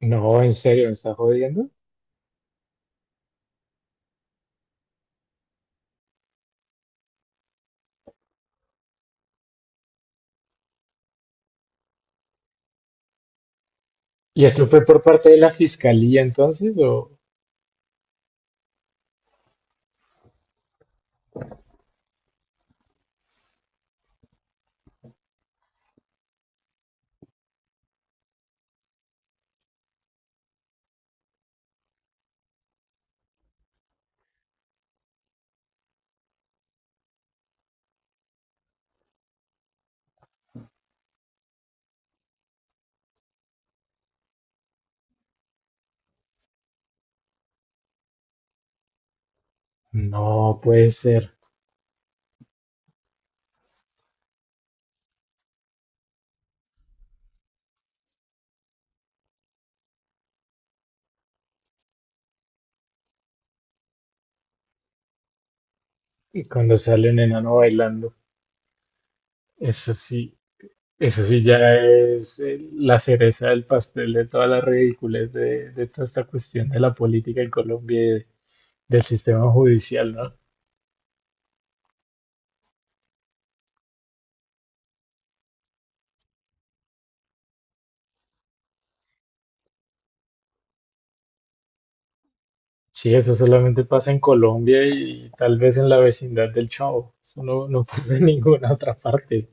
No, en serio, ¿me está jodiendo? ¿Y sí, eso fue sí, por parte de la fiscalía entonces? ¿O no puede ser? Y cuando sale un enano bailando, eso sí, eso sí ya es la cereza del pastel de todas las ridiculez de toda esta cuestión de la política en Colombia y de- del sistema judicial, ¿no? Sí, eso solamente pasa en Colombia y tal vez en la vecindad del Chavo. Eso no, no pasa en ninguna otra parte.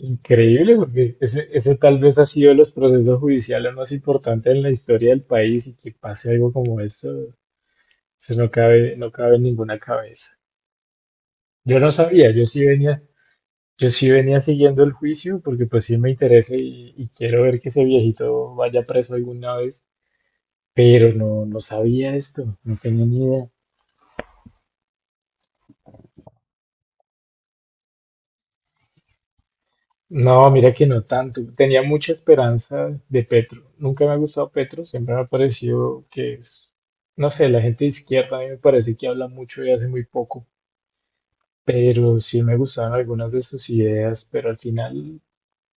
Increíble, porque ese tal vez ha sido de los procesos judiciales más importantes en la historia del país y que pase algo como esto, eso no cabe, no cabe en ninguna cabeza. Yo no sabía, yo sí venía siguiendo el juicio porque pues sí me interesa y quiero ver que ese viejito vaya preso alguna vez, pero no, no sabía esto, no tenía ni idea. No, mira que no tanto. Tenía mucha esperanza de Petro. Nunca me ha gustado Petro, siempre me ha parecido que es, no sé, la gente de izquierda a mí me parece que habla mucho y hace muy poco, pero sí me gustaban algunas de sus ideas, pero al final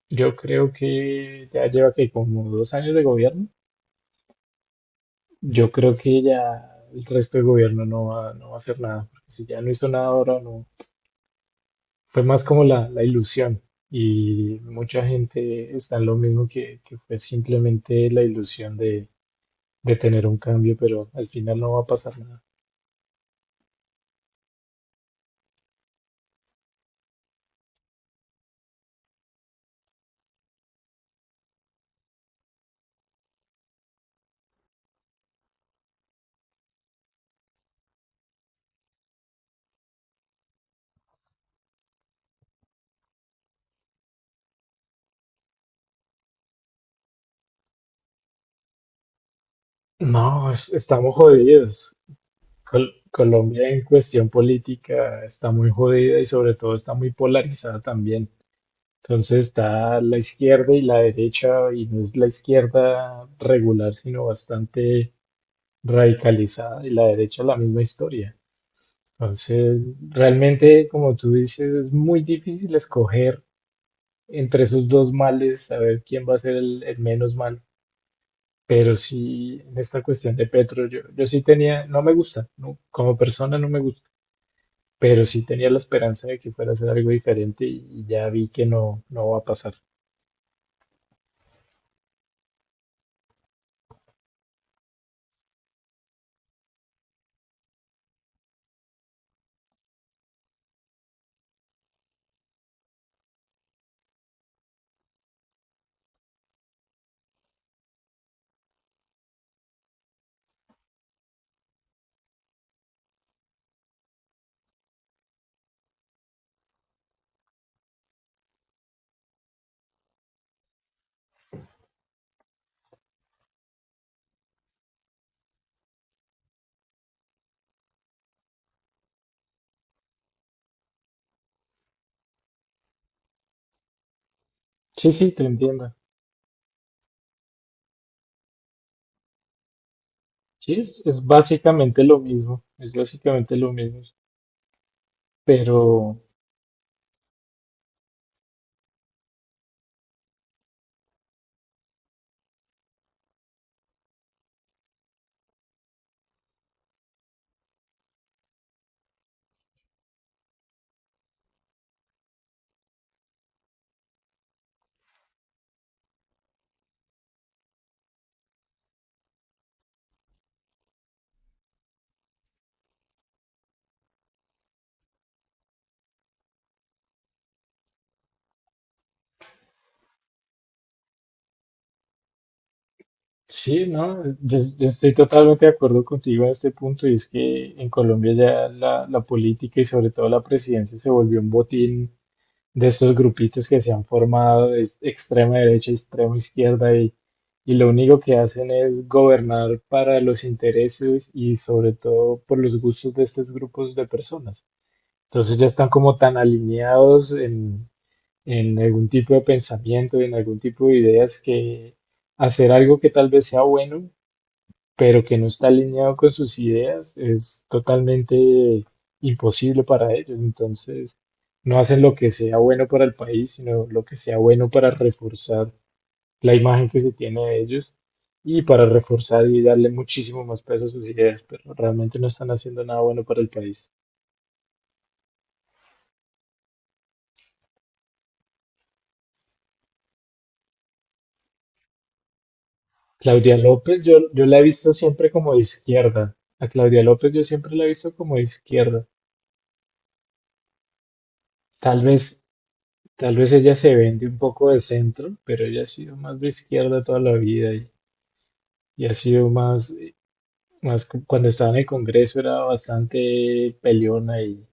yo creo que ya lleva que como 2 años de gobierno, yo creo que ya el resto del gobierno no va, no va a hacer nada, porque si ya no hizo nada ahora, no, fue más como la ilusión y mucha gente está en lo mismo que fue simplemente la ilusión de tener un cambio, pero al final no va a pasar nada. No, es- estamos jodidos. Col- Colombia en cuestión política está muy jodida y sobre todo está muy polarizada también. Entonces está la izquierda y la derecha, y no es la izquierda regular, sino bastante radicalizada, y la derecha la misma historia. Entonces, realmente, como tú dices, es muy difícil escoger entre esos dos males, saber quién va a ser el menos mal. Pero sí, en esta cuestión de Petro, yo sí tenía, no me gusta, no, como persona no me gusta, pero sí tenía la esperanza de que fuera a ser algo diferente y ya vi que no, no va a pasar. Sí, sí, te entiendo. Sí, es básicamente lo mismo, es básicamente lo mismo, pero... Sí, no, yo estoy totalmente de acuerdo contigo en este punto y es que en Colombia ya la política y sobre todo la presidencia se volvió un botín de estos grupitos que se han formado de extrema derecha, extrema izquierda y lo único que hacen es gobernar para los intereses y sobre todo por los gustos de estos grupos de personas. Entonces ya están como tan alineados en algún tipo de pensamiento y en algún tipo de ideas que hacer algo que tal vez sea bueno pero que no está alineado con sus ideas, es totalmente imposible para ellos. Entonces, no hacen lo que sea bueno para el país, sino lo que sea bueno para reforzar la imagen que se tiene de ellos y para reforzar y darle muchísimo más peso a sus ideas, pero realmente no están haciendo nada bueno para el país. Claudia López, yo la he visto siempre como de izquierda. A Claudia López yo siempre la he visto como de izquierda. Tal vez Tal vez ella se vende un poco de centro, pero ella ha sido más de izquierda toda la vida y ha sido más, más, cu- cuando estaba en el Congreso era bastante peleona y,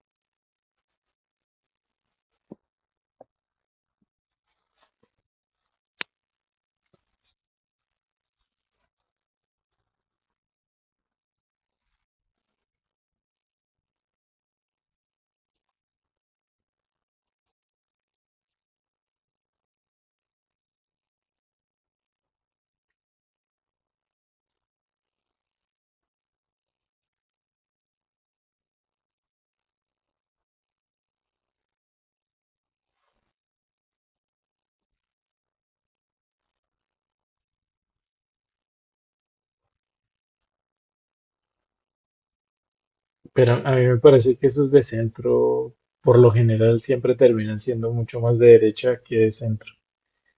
pero a mí me parece que esos de centro, por lo general, siempre terminan siendo mucho más de derecha que de centro,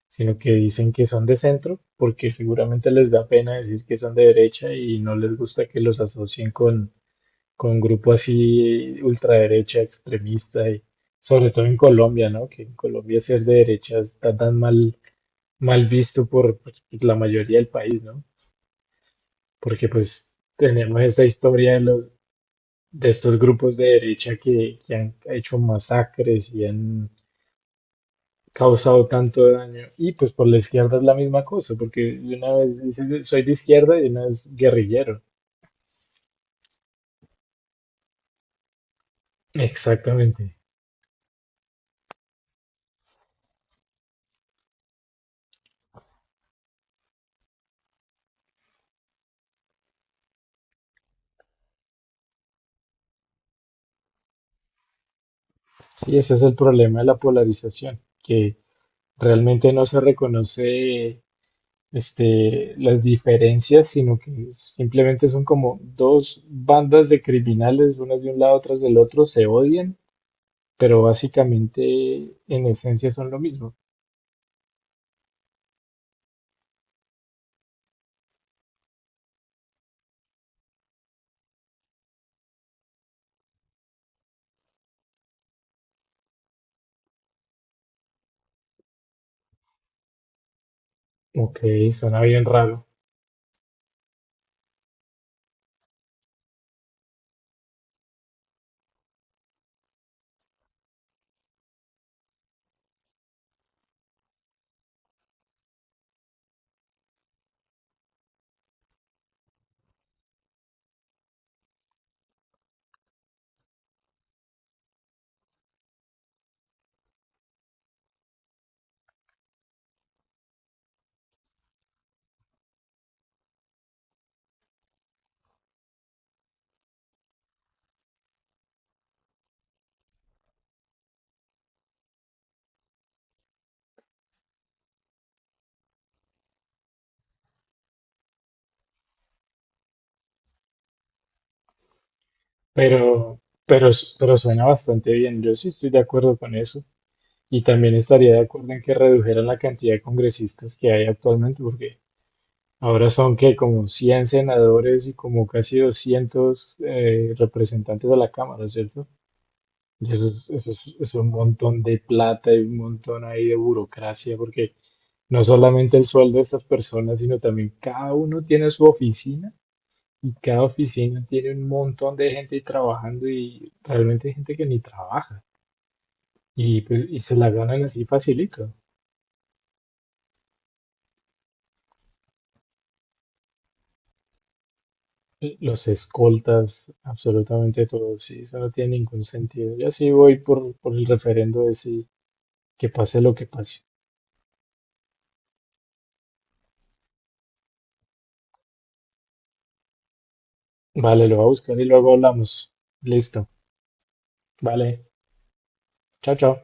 sino que dicen que son de centro porque seguramente les da pena decir que son de derecha y no les gusta que los asocien con grupo así ultraderecha, extremista, y sobre todo en Colombia, ¿no? Que en Colombia ser de derecha está tan mal, mal visto por pues, la mayoría del país, ¿no? Porque pues tenemos esta historia de los, de estos grupos de derecha que han hecho masacres y han causado tanto daño. Y pues por la izquierda es la misma cosa, porque de una vez dices soy de izquierda y de una vez guerrillero. Exactamente. Sí, ese es el problema de la polarización, que realmente no se reconoce este, las diferencias, sino que simplemente son como dos bandas de criminales, unas de un lado, otras del otro, se odian, pero básicamente en esencia son lo mismo. Ok, suena bien raro, pero, pero, pero suena bastante bien. Yo sí estoy de acuerdo con eso. Y también estaría de acuerdo en que redujeran la cantidad de congresistas que hay actualmente, porque ahora son que como 100 senadores y como casi 200 representantes de la Cámara, ¿cierto? Y eso es un montón de plata y un montón ahí de burocracia, porque no solamente el sueldo de estas personas, sino también cada uno tiene su oficina y cada oficina tiene un montón de gente ahí trabajando y realmente hay gente que ni trabaja y, pues, y se la ganan así facilito. Los escoltas, absolutamente todos, sí, eso no tiene ningún sentido. Yo sí voy por el referendo de sí, que pase lo que pase. Vale, lo voy a buscar y luego hablamos. Listo. Vale. Chao, chao.